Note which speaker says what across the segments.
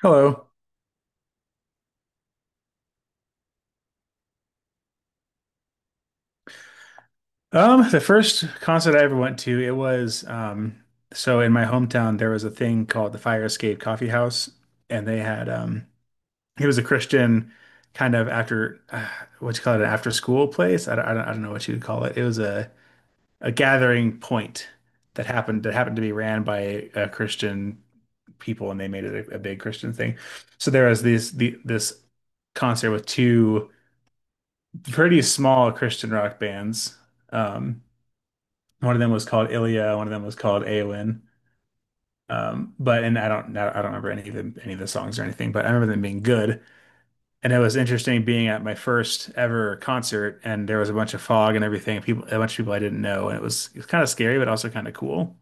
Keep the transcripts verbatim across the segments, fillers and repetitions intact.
Speaker 1: Hello. Um, the first concert I ever went to, it was um, so in my hometown there was a thing called the Fire Escape Coffee House, and they had um, it was a Christian kind of after uh, what you call it, an after school place. I don't, I don't, I don't know what you'd call it. It was a a gathering point that happened that happened to be ran by uh, Christian people, and they made it a, a big Christian thing. So there was these the this concert with two pretty small Christian rock bands. Um, One of them was called Ilya. One of them was called Aowen. Um, but and I don't I don't remember any of them, any of the songs or anything, but I remember them being good. And it was interesting being at my first ever concert, and there was a bunch of fog and everything. People, a bunch of people I didn't know, and it was it was kind of scary, but also kind of cool.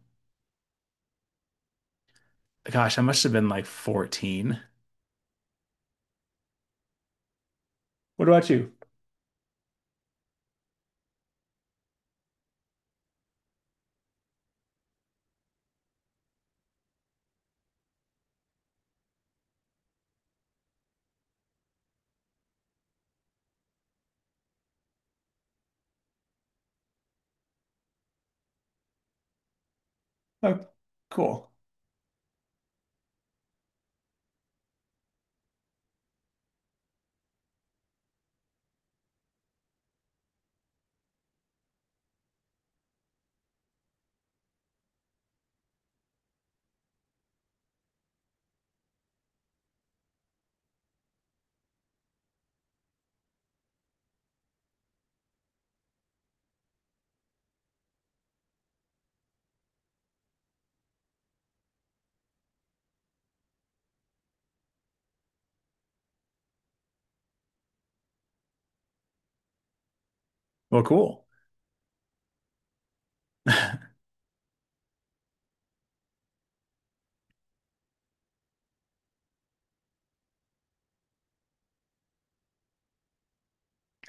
Speaker 1: Gosh, I must have been like fourteen. What about you? Oh, cool. Well, cool.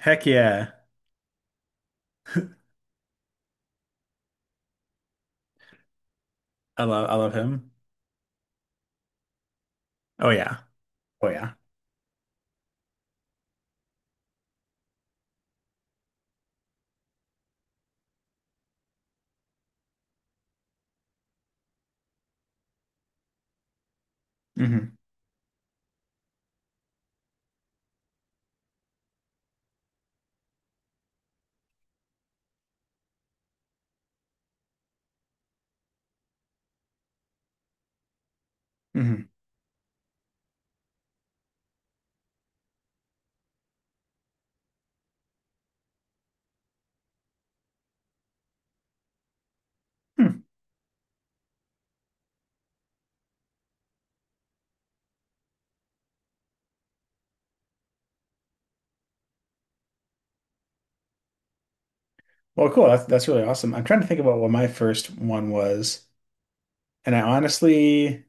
Speaker 1: Heck yeah, I love I love him. Oh yeah, oh yeah. Hmm. Hmm. Hmm. Well, cool. That's that's really awesome. I'm trying to think about what my first one was. And I honestly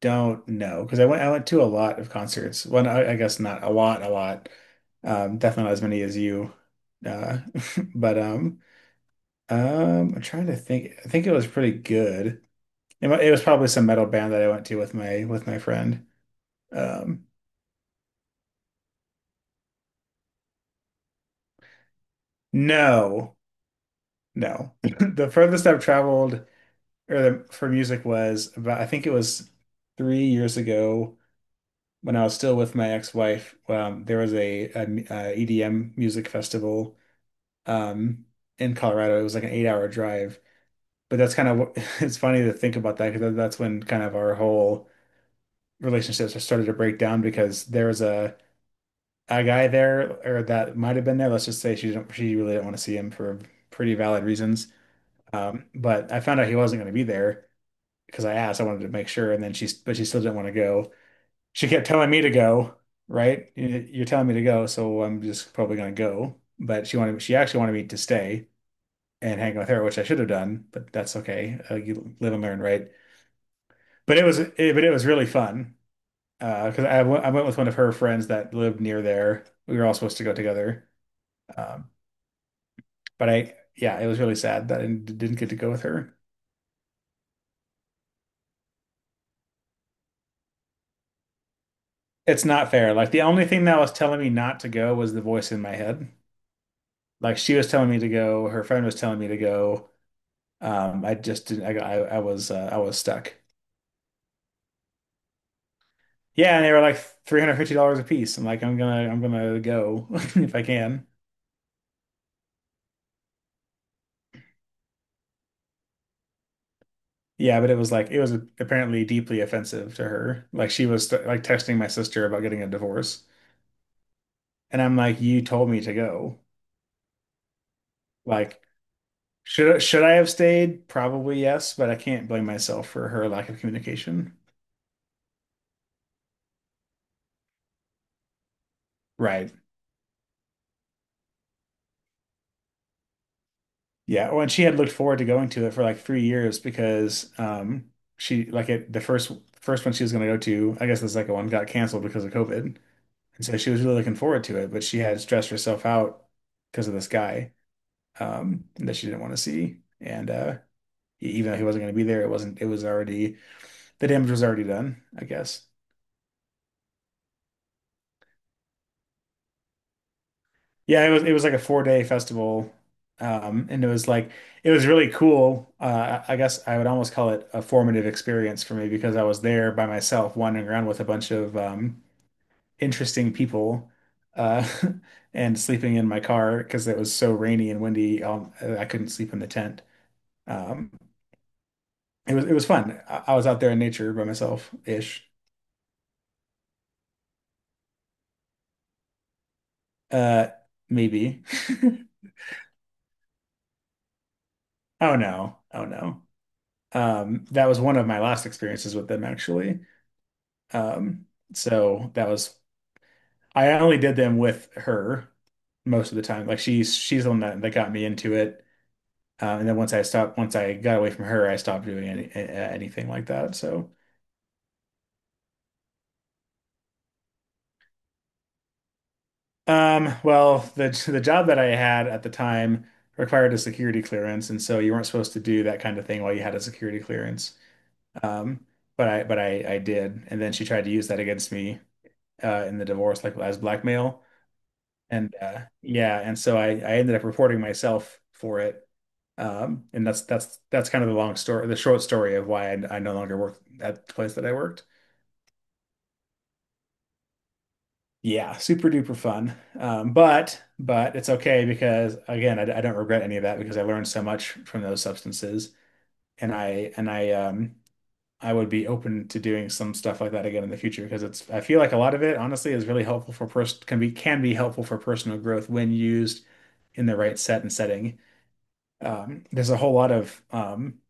Speaker 1: don't know because I went I went to a lot of concerts. Well, no, I, I guess not a lot, a lot. Um, definitely not as many as you. Uh, but um, um, I'm trying to think. I think it was pretty good. It, wa- it was probably some metal band that I went to with my with my friend. Um, no, no. The furthest I've traveled or the, for music was about I think it was three years ago, when I was still with my ex-wife. Um, there was a, a, a E D m- uh E D M music festival um, in Colorado. It was like an eight-hour drive, but that's kind of what. It's funny to think about that because that's when kind of our whole relationships started to break down because there was a a guy there, or that might have been there. Let's just say she didn't, she really didn't want to see him for pretty valid reasons. Um, but I found out he wasn't going to be there because I asked. I wanted to make sure, and then she but she still didn't want to go. She kept telling me to go, right? You- You're telling me to go, so I'm just probably gonna go. But she wanted, she actually wanted me to stay and hang with her, which I should have done, but that's okay. Uh, you live and learn, right? But it was, it, but it was really fun, uh, because I went, I went with one of her friends that lived near there. We were all supposed to go together, um, but I, yeah, it was really sad that I didn't didn't get to go with her. It's not fair. Like the only thing that was telling me not to go was the voice in my head. Like she was telling me to go, her friend was telling me to go. Um, I just didn't. I I, I was. Uh, I was stuck. Yeah, and they were like three hundred fifty dollars a piece. I'm like, I'm gonna. I'm gonna go if I can. Yeah, but it was like it was apparently deeply offensive to her. Like she was like texting my sister about getting a divorce, and I'm like, you told me to go. Like, should should I have stayed? Probably yes, but I can't blame myself for her lack of communication. Right. Yeah, well, and she had looked forward to going to it for like three years because um she like it the first first one she was going to go to, I guess. The second one got canceled because of COVID. And so she was really looking forward to it, but she had stressed herself out because of this guy um that she didn't want to see. And uh e- even though he wasn't going to be there, it wasn't it was already the damage was already done, I guess. Yeah, it was it was like a four day festival. Um, and it was like it was really cool. Uh, I I guess I would almost call it a formative experience for me because I was there by myself wandering around with a bunch of um, interesting people, uh, and sleeping in my car because it was so rainy and windy. Um, I couldn't sleep in the tent. Um, it was it was fun. I, I was out there in nature by myself ish. Uh, Maybe. Oh no. Oh no. Um, that was one of my last experiences with them actually. Um, so that was, I only did them with her most of the time. Like she's she's the one that, that got me into it. Uh, and then once I stopped, once I got away from her, I stopped doing any, a- anything like that. So, um, well, the the job that I had at the time required a security clearance, and so you weren't supposed to do that kind of thing while you had a security clearance. Um, but I but I I did, and then she tried to use that against me, uh, in the divorce, like as blackmail. And uh, yeah, and so I, I ended up reporting myself for it. Um, and that's that's that's kind of the long story, the short story of why I, I no longer work at the place that I worked. Yeah, super duper fun. Um, but but it's okay because again, I, I don't regret any of that because I learned so much from those substances, and I and I um I would be open to doing some stuff like that again in the future because it's I feel like a lot of it honestly is really helpful for person can be, can be helpful for personal growth when used in the right set and setting. um, there's a whole lot of um,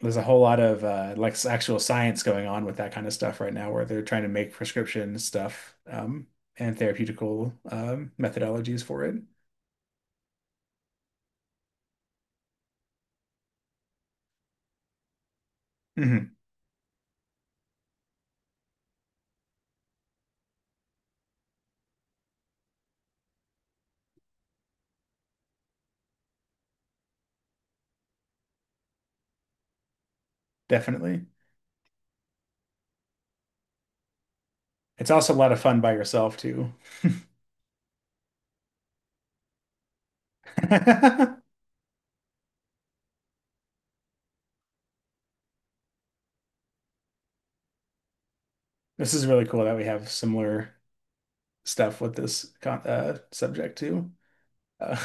Speaker 1: there's a whole lot of uh, like s- actual science going on with that kind of stuff right now, where they're trying to make prescription stuff um, and therapeutical um, methodologies for it. Mhm, definitely, it's also a lot of fun by yourself too. This is really cool that we have similar stuff with this con uh, subject too. Uh,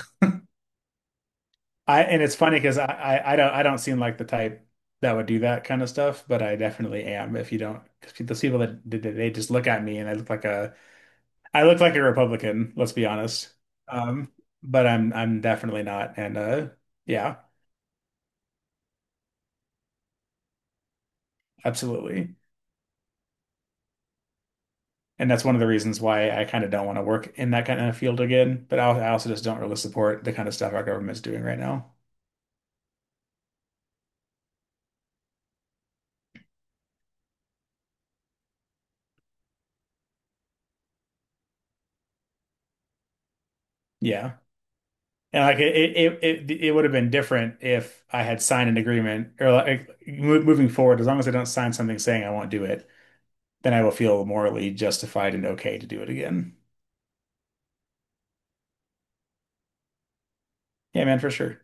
Speaker 1: I, and it's funny because I, I I don't I don't seem like the type that would do that kind of stuff, but I definitely am. If you don't, because those people that did, they just look at me and I look like a I look like a Republican. Let's be honest. Um, but I'm I'm definitely not, and uh, yeah, absolutely. And that's one of the reasons why I kind of don't want to work in that kind of field again. But I, I also just don't really support the kind of stuff our government's doing right now. Yeah. And like it, it, it, it would have been different if I had signed an agreement, or like mo- moving forward, as long as I don't sign something saying I won't do it, then I will feel morally justified and okay to do it again. Yeah, man, for sure.